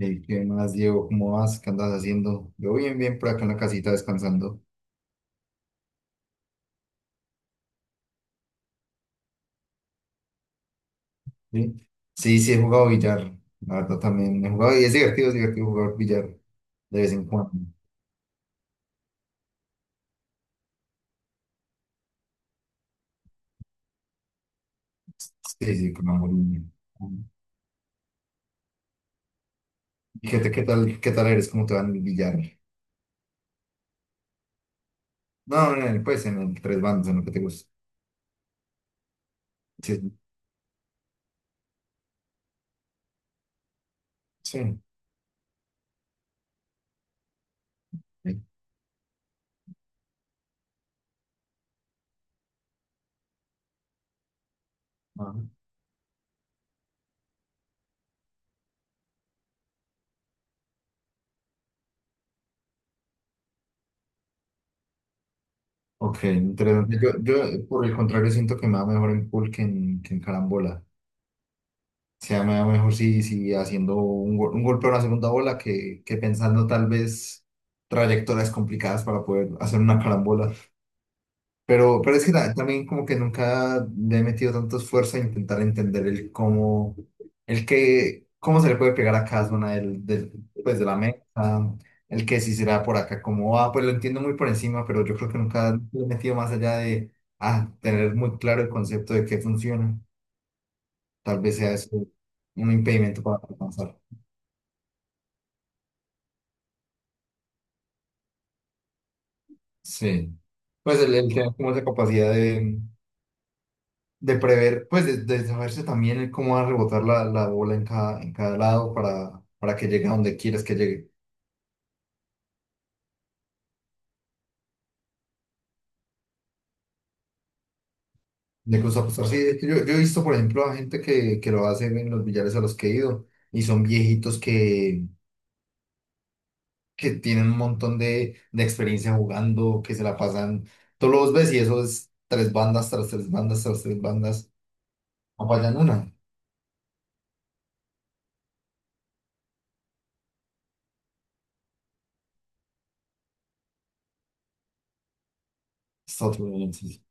Ey, ¿qué más, Diego? ¿Cómo vas? ¿Qué andas haciendo? Yo bien, bien, por acá en la casita descansando. Sí, sí, sí he jugado billar. La verdad también he jugado y es divertido jugar billar de vez en cuando. Sí, sí, con amor. ¿Y qué, qué tal eres? ¿Cómo te va en el billar? No, en el, pues en el tres bandas, en lo que te gusta. Sí, sí. Sí. Ajá. Ok, interesante. Yo, por el contrario, siento que me va mejor en pool que que en carambola. Sea mejor si, si haciendo un golpe a una segunda bola que pensando tal vez trayectorias complicadas para poder hacer una carambola. Pero es que también como que nunca le he metido tanto esfuerzo a intentar entender el cómo, el que, cómo se le puede pegar a cada zona pues de la meta, el que si será por acá, cómo va, pues lo entiendo muy por encima, pero yo creo que nunca le he metido más allá de tener muy claro el concepto de qué funciona. Tal vez sea eso un impedimento para alcanzar. Sí. Pues él tenía como esa capacidad de prever, pues de saberse también el cómo va a rebotar la bola en cada lado para que llegue a donde quieras que llegue. Le gusta apostar. Sí, es que yo he visto, por ejemplo, a gente que lo hace en los billares a los que he ido y son viejitos que tienen un montón de experiencia jugando, que se la pasan. Todos los ves y eso es tres bandas tras tres bandas tras tres bandas. No fallan una. Está otro nivel, sí.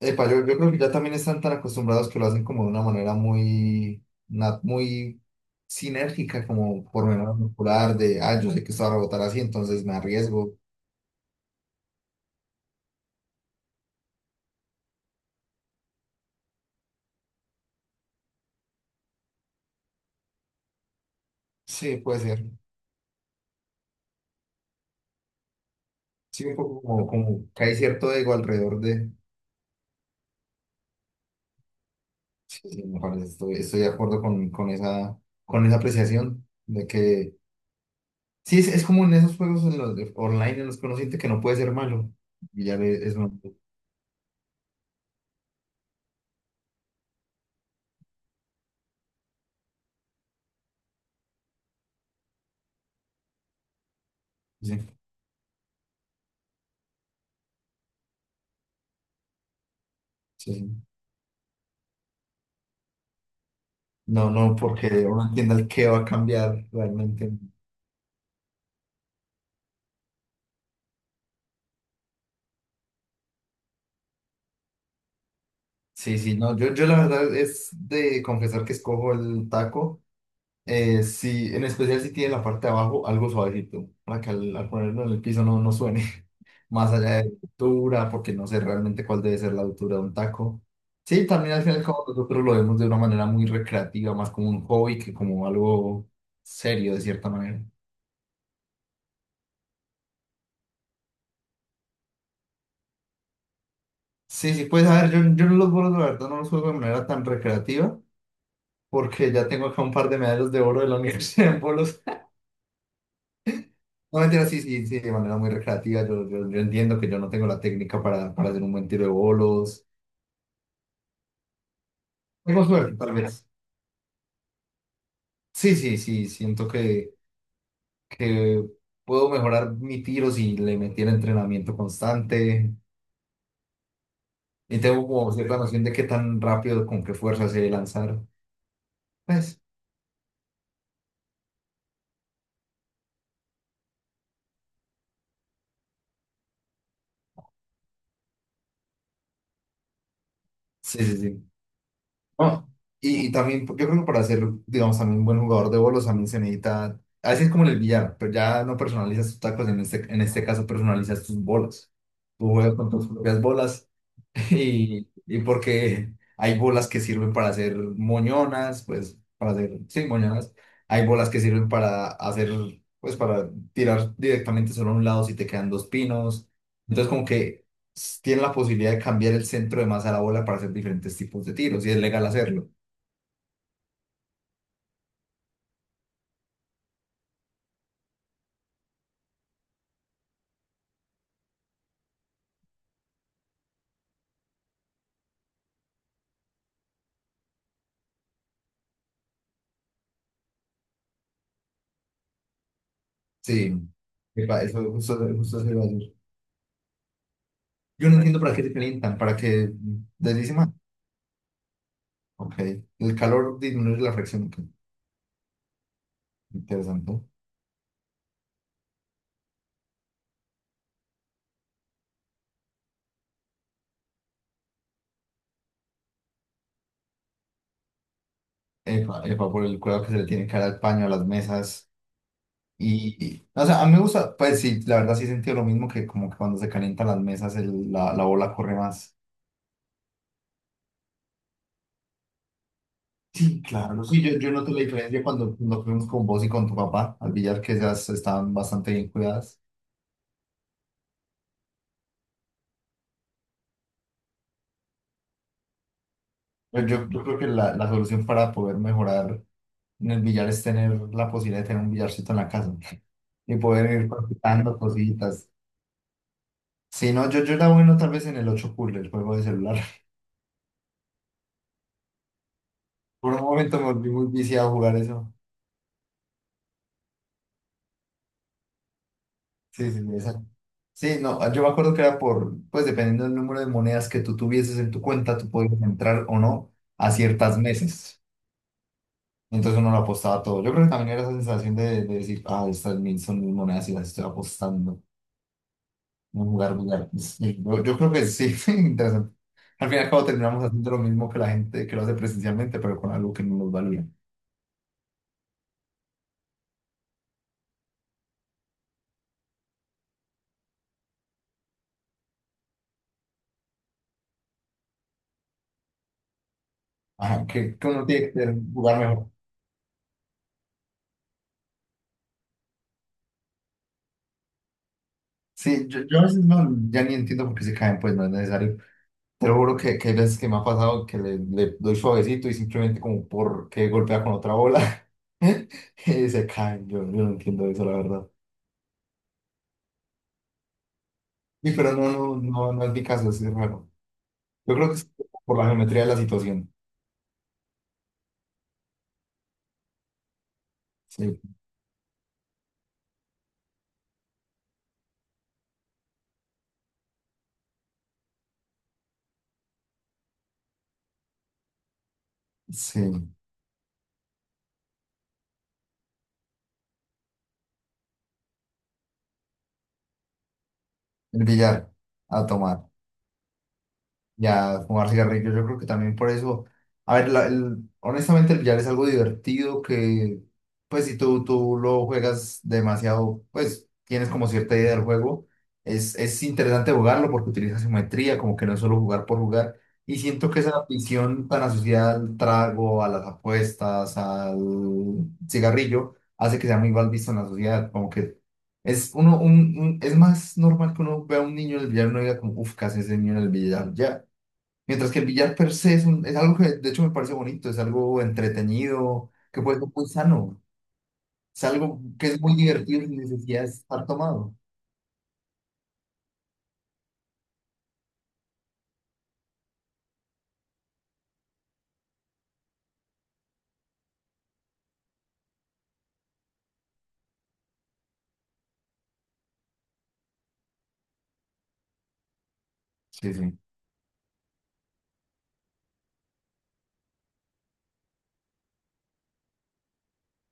Epa, yo creo que ya también están tan acostumbrados que lo hacen como de una manera muy, muy sinérgica, como por memoria muscular, de, ah, yo sé que esto va a rebotar así, entonces me arriesgo. Sí, puede ser. Sí, un poco como, como que hay cierto ego alrededor de... Sí, sí, me parece, estoy de acuerdo con esa apreciación de que... Sí, es como en esos juegos en los online en los que uno siente que no puede ser malo. Y ya es malo. Sí, sí, sí. No, no, porque uno entienda el qué va a cambiar realmente. Sí, sí, no, yo la verdad es de confesar que escojo el taco, sí, en especial si tiene la parte de abajo algo suavecito, para que al ponerlo en el piso no suene, más allá de la altura, porque no sé realmente cuál debe ser la altura de un taco. Sí, también al final como nosotros lo vemos de una manera muy recreativa, más como un hobby que como algo serio de cierta manera. Sí, sí, pues a ver, yo los bolos la verdad no los juego de manera tan recreativa, porque ya tengo acá un par de medallas de oro de la universidad en bolos. No, mentira, sí, sí, sí, de manera muy recreativa. Yo entiendo que yo no tengo la técnica para hacer un buen tiro de bolos. Tengo suerte, tal vez. Sí, sí, sí, siento que puedo mejorar mi tiro si le metiera entrenamiento constante. Y tengo como cierta noción de qué tan rápido, con qué fuerza sé lanzar. Pues, sí, sí, sí. No, y también, yo creo que para ser, digamos, también un buen jugador de bolos, también se necesita, a veces es como en el billar, pero ya no personalizas tus tacos, en este caso personalizas tus bolas. Tú juegas con tus propias bolas y porque hay bolas que sirven para hacer moñonas, pues, para hacer, sí, moñonas. Hay bolas que sirven para hacer, pues, para tirar directamente solo a un lado si te quedan dos pinos. Entonces, como que tiene la posibilidad de cambiar el centro de masa de la bola para hacer diferentes tipos de tiros y es legal hacerlo. Sí. Epa, eso justo, justo se iba a decir. Yo no entiendo para qué se calientan, para que deslice más. Ok, el calor disminuye la fricción. Ok. Interesante. Epa, epa, por el cuidado que se le tiene que dar al paño, a las mesas. O sea, a mí me gusta, pues sí, la verdad sí he sentido lo mismo que como que cuando se calientan las mesas la, la bola corre más. Sí, claro, no, sí, yo noto la diferencia cuando nos fuimos con vos y con tu papá al billar, que ellas estaban bastante bien cuidadas. Pero yo creo que la solución para poder mejorar en el billar es tener la posibilidad de tener un billarcito en la casa y poder ir practicando cositas. Si no, yo era bueno tal vez en el 8 pool, el juego de celular. Por un momento me volví muy viciado a jugar eso. Sí, sí, sí, esa. Sí, no, yo me acuerdo que era por, pues dependiendo del número de monedas que tú tuvieses en tu cuenta, tú podías entrar o no a ciertas mesas. Entonces uno lo apostaba todo. Yo creo que también era esa sensación de decir, ah, estas 1000 son mis monedas y las estoy apostando. Un lugar, lugar. Sí, yo creo que sí, interesante. Al final, cabo terminamos haciendo lo mismo que la gente que lo hace presencialmente, pero con algo que no nos valía. Ajá, que uno tiene que tener un lugar mejor. Sí, yo a veces no, ya ni entiendo por qué se caen, pues no es necesario. Te lo juro que hay veces que me ha pasado que le doy suavecito y simplemente como porque golpea con otra bola, y se caen. Yo no entiendo eso, la verdad. Sí, pero no, no, no, no es mi caso, es raro. Yo creo que es por la geometría de la situación. Sí, sí. El billar, a tomar. Ya, fumar cigarrillos, yo creo que también por eso. A ver, honestamente, el billar es algo divertido que, pues, si tú lo juegas demasiado, pues, tienes como cierta idea del juego. Es interesante jugarlo porque utiliza simetría, como que no es solo jugar por jugar. Y siento que esa afición tan asociada al trago, a las apuestas, al cigarrillo, hace que sea muy mal visto en la sociedad. Como que es uno, es más normal que uno vea a un niño en el billar y no diga como, uff, ¿qué hace ese niño en el billar? Ya. Mientras que el billar per se es, es algo que de hecho me parece bonito, es algo entretenido, que puede ser muy sano, es algo que es muy divertido sin necesidad de estar tomado. Sí, sí.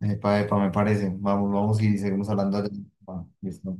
Epa, epa, me parece. Vamos, vamos y seguimos hablando. De- va, listo.